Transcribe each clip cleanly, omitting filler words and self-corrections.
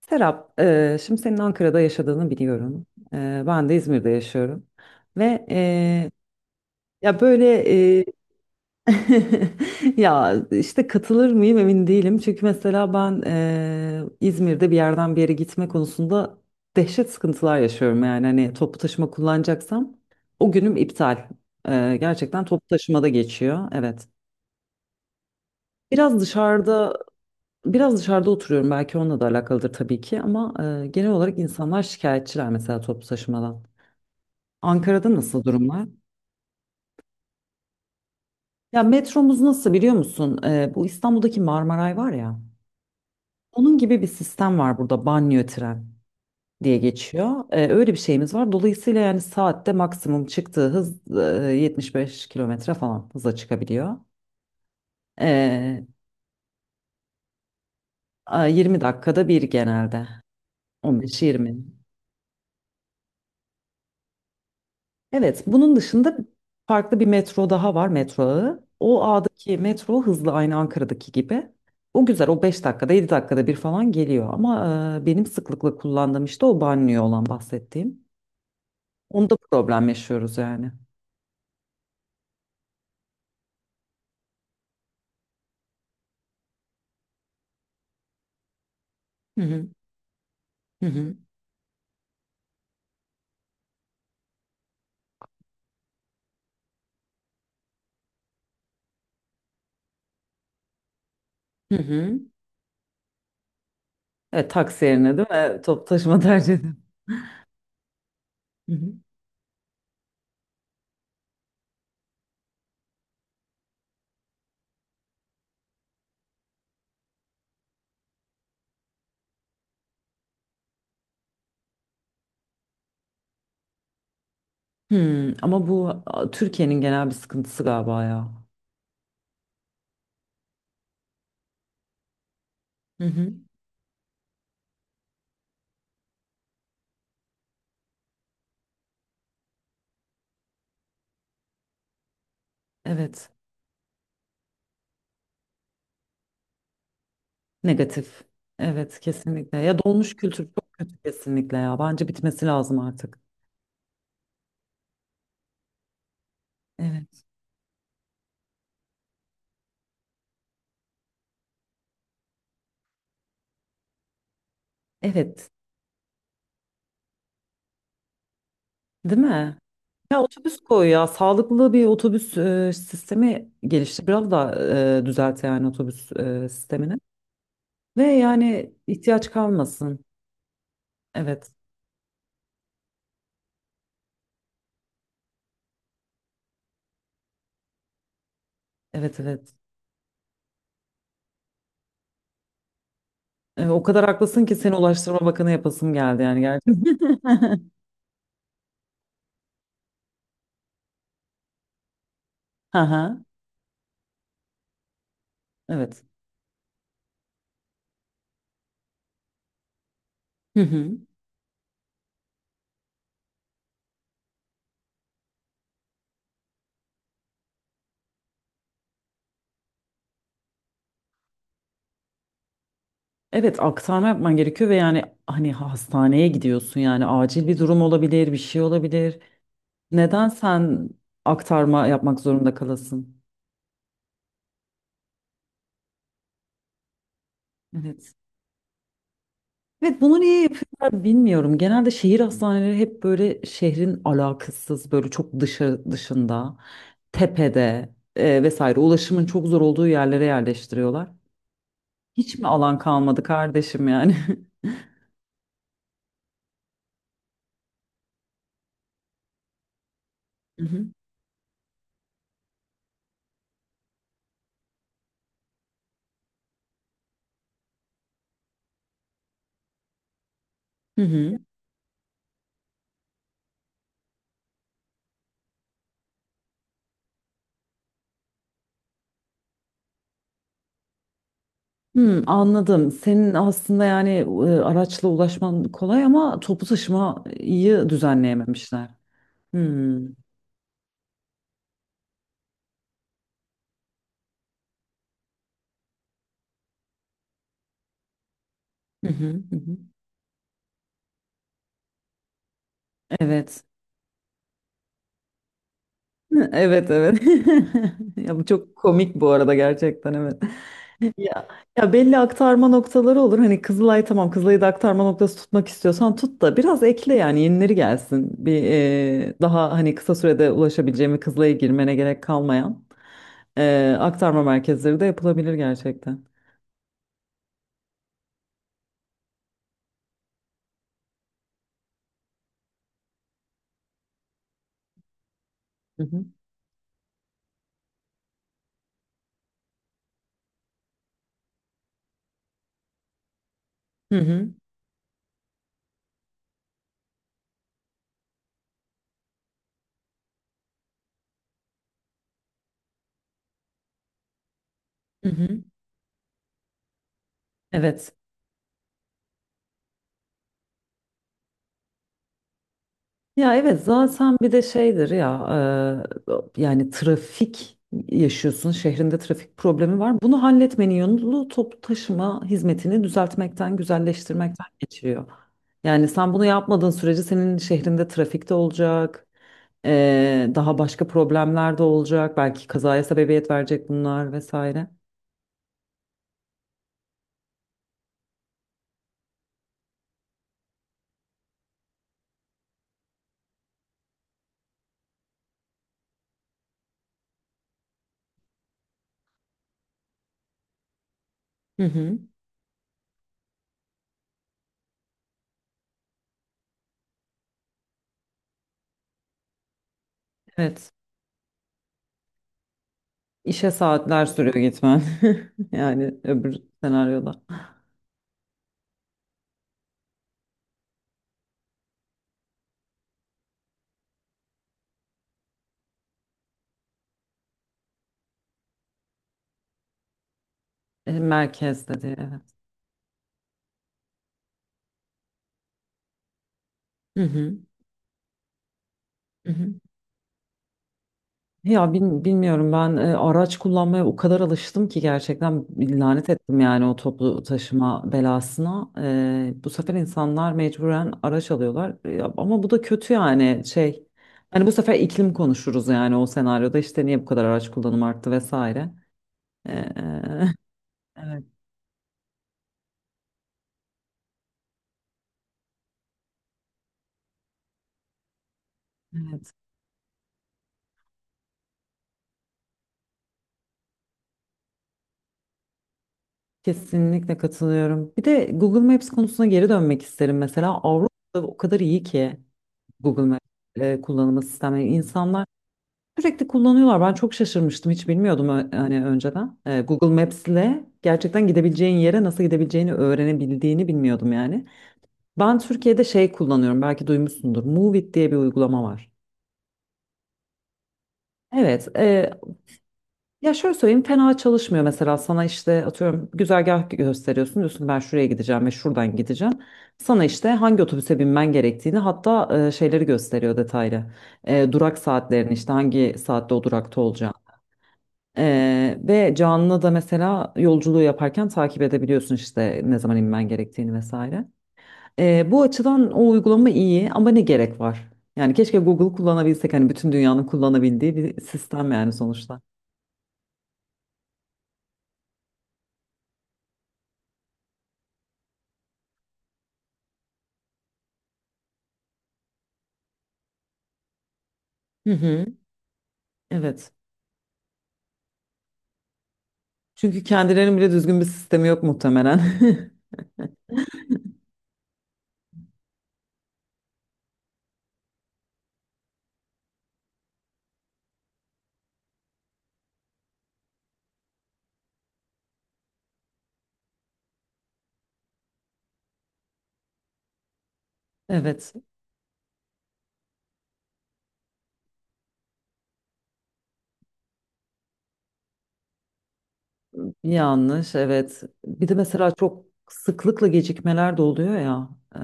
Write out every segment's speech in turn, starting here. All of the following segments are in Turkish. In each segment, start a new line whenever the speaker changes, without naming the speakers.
Serap, şimdi senin Ankara'da yaşadığını biliyorum. Ben de İzmir'de yaşıyorum. Ve ya böyle Ya işte katılır mıyım emin değilim. Çünkü mesela ben İzmir'de bir yerden bir yere gitme konusunda dehşet sıkıntılar yaşıyorum. Yani hani toplu taşıma kullanacaksam o günüm iptal. Gerçekten toplu taşımada geçiyor. Evet. Biraz dışarıda Biraz dışarıda oturuyorum belki onunla da alakalıdır tabii ki ama genel olarak insanlar şikayetçiler mesela toplu taşımadan. Ankara'da nasıl durumlar? Ya metromuz nasıl biliyor musun? Bu İstanbul'daki Marmaray var ya onun gibi bir sistem var burada banliyö tren diye geçiyor. Öyle bir şeyimiz var. Dolayısıyla yani saatte maksimum çıktığı hız 75 kilometre falan hıza çıkabiliyor. E, 20 dakikada bir genelde 15-20. Evet, bunun dışında farklı bir metro daha var, metro ağı. O ağdaki metro hızlı aynı Ankara'daki gibi. O güzel, o 5 dakikada 7 dakikada bir falan geliyor. Ama benim sıklıkla kullandığım işte o banliyö olan bahsettiğim. Onda problem yaşıyoruz yani. Hı hı hı hı hı hı. Evet, taksi yerine değil mi? Toplu taşıma tercih edin. Hı hı. Hmm, ama bu Türkiye'nin genel bir sıkıntısı galiba ya. Hı hı. Evet. Negatif. Evet kesinlikle. Ya dolmuş kültür çok kötü kesinlikle ya. Bence bitmesi lazım artık. Evet. Evet. Değil mi? Ya otobüs koy ya. Sağlıklı bir otobüs sistemi geliştir. Biraz da düzelt yani otobüs sistemini. Ve yani ihtiyaç kalmasın. Evet. Evet evet. O kadar haklısın ki seni Ulaştırma Bakanı yapasım geldi yani gerçekten. Aha, evet. Hı hı. Evet aktarma yapman gerekiyor ve yani hani hastaneye gidiyorsun yani acil bir durum olabilir, bir şey olabilir. Neden sen aktarma yapmak zorunda kalasın? Evet. Evet bunu niye yapıyorlar bilmiyorum. Genelde şehir hastaneleri hep böyle şehrin alakasız böyle çok dışı dışında, tepede vesaire ulaşımın çok zor olduğu yerlere yerleştiriyorlar. Hiç mi alan kalmadı kardeşim yani? Hı hı. Hı hı. Hmm, anladım. Senin aslında yani araçla ulaşman kolay ama toplu taşımayı düzenleyememişler. Hmm. Hı hı, hı hı. Evet. Evet evet. Ya bu çok komik bu arada gerçekten evet. Ya, ya belli aktarma noktaları olur. Hani Kızılay tamam Kızılay'ı da aktarma noktası tutmak istiyorsan tut da biraz ekle yani yenileri gelsin. Bir daha hani kısa sürede ulaşabileceğim ve Kızılay'a girmene gerek kalmayan aktarma merkezleri de yapılabilir gerçekten. Hı hı, hı hı. Evet. Ya evet zaten bir de şeydir ya yani trafik yaşıyorsun şehrinde trafik problemi var. Bunu halletmenin yolu toplu taşıma hizmetini düzeltmekten, güzelleştirmekten geçiyor. Yani sen bunu yapmadığın sürece senin şehrinde trafik de olacak. Daha başka problemler de olacak. Belki kazaya sebebiyet verecek bunlar vesaire. Hı hı. Evet. İşe saatler sürüyor gitmen. Yani öbür senaryoda. Merkezde diye. Evet. Hı hı. Hı hı. Ya bilmiyorum ben araç kullanmaya o kadar alıştım ki gerçekten lanet ettim yani o toplu taşıma belasına. Bu sefer insanlar mecburen araç alıyorlar ama bu da kötü yani şey. Hani bu sefer iklim konuşuruz yani o senaryoda işte niye bu kadar araç kullanımı arttı vesaire. E, evet, evet. Kesinlikle katılıyorum. Bir de Google Maps konusuna geri dönmek isterim mesela. Avrupa o kadar iyi ki. Google Maps kullanımı sistemi insanlar sürekli kullanıyorlar. Ben çok şaşırmıştım. Hiç bilmiyordum hani önceden. Google Maps ile gerçekten gidebileceğin yere nasıl gidebileceğini öğrenebildiğini bilmiyordum yani. Ben Türkiye'de şey kullanıyorum. Belki duymuşsundur. Moovit diye bir uygulama var. Evet. Ya şöyle söyleyeyim fena çalışmıyor mesela sana işte atıyorum güzergah gösteriyorsun diyorsun ben şuraya gideceğim ve şuradan gideceğim. Sana işte hangi otobüse binmen gerektiğini hatta şeyleri gösteriyor detaylı. Durak saatlerini işte hangi saatte o durakta olacağını. Ve canlı da mesela yolculuğu yaparken takip edebiliyorsun işte ne zaman inmen gerektiğini vesaire. Bu açıdan o uygulama iyi ama ne gerek var? Yani keşke Google kullanabilsek hani bütün dünyanın kullanabildiği bir sistem yani sonuçta. Hı hı. Evet. Çünkü kendilerinin bile düzgün bir sistemi yok muhtemelen. Evet. Yanlış, evet. Bir de mesela çok sıklıkla gecikmeler de oluyor ya. Ee,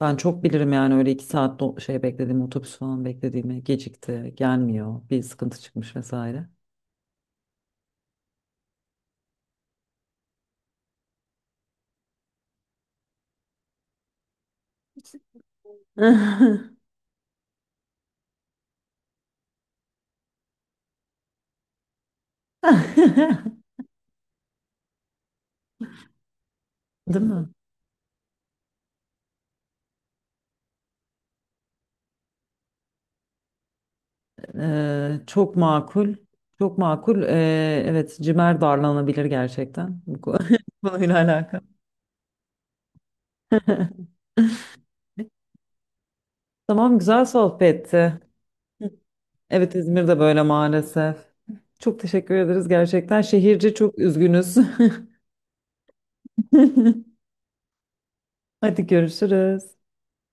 Ben çok bilirim yani öyle iki saat şey beklediğim otobüs falan beklediğimi gecikti, gelmiyor, bir sıkıntı çıkmış vesaire. Değil mi? Çok makul, çok makul. Evet, cimer darlanabilir gerçekten bu konuyla alakalı. Tamam, güzel sohbetti. Evet, İzmir'de böyle maalesef. Çok teşekkür ederiz gerçekten. Şehirci çok üzgünüz. Hadi görüşürüz.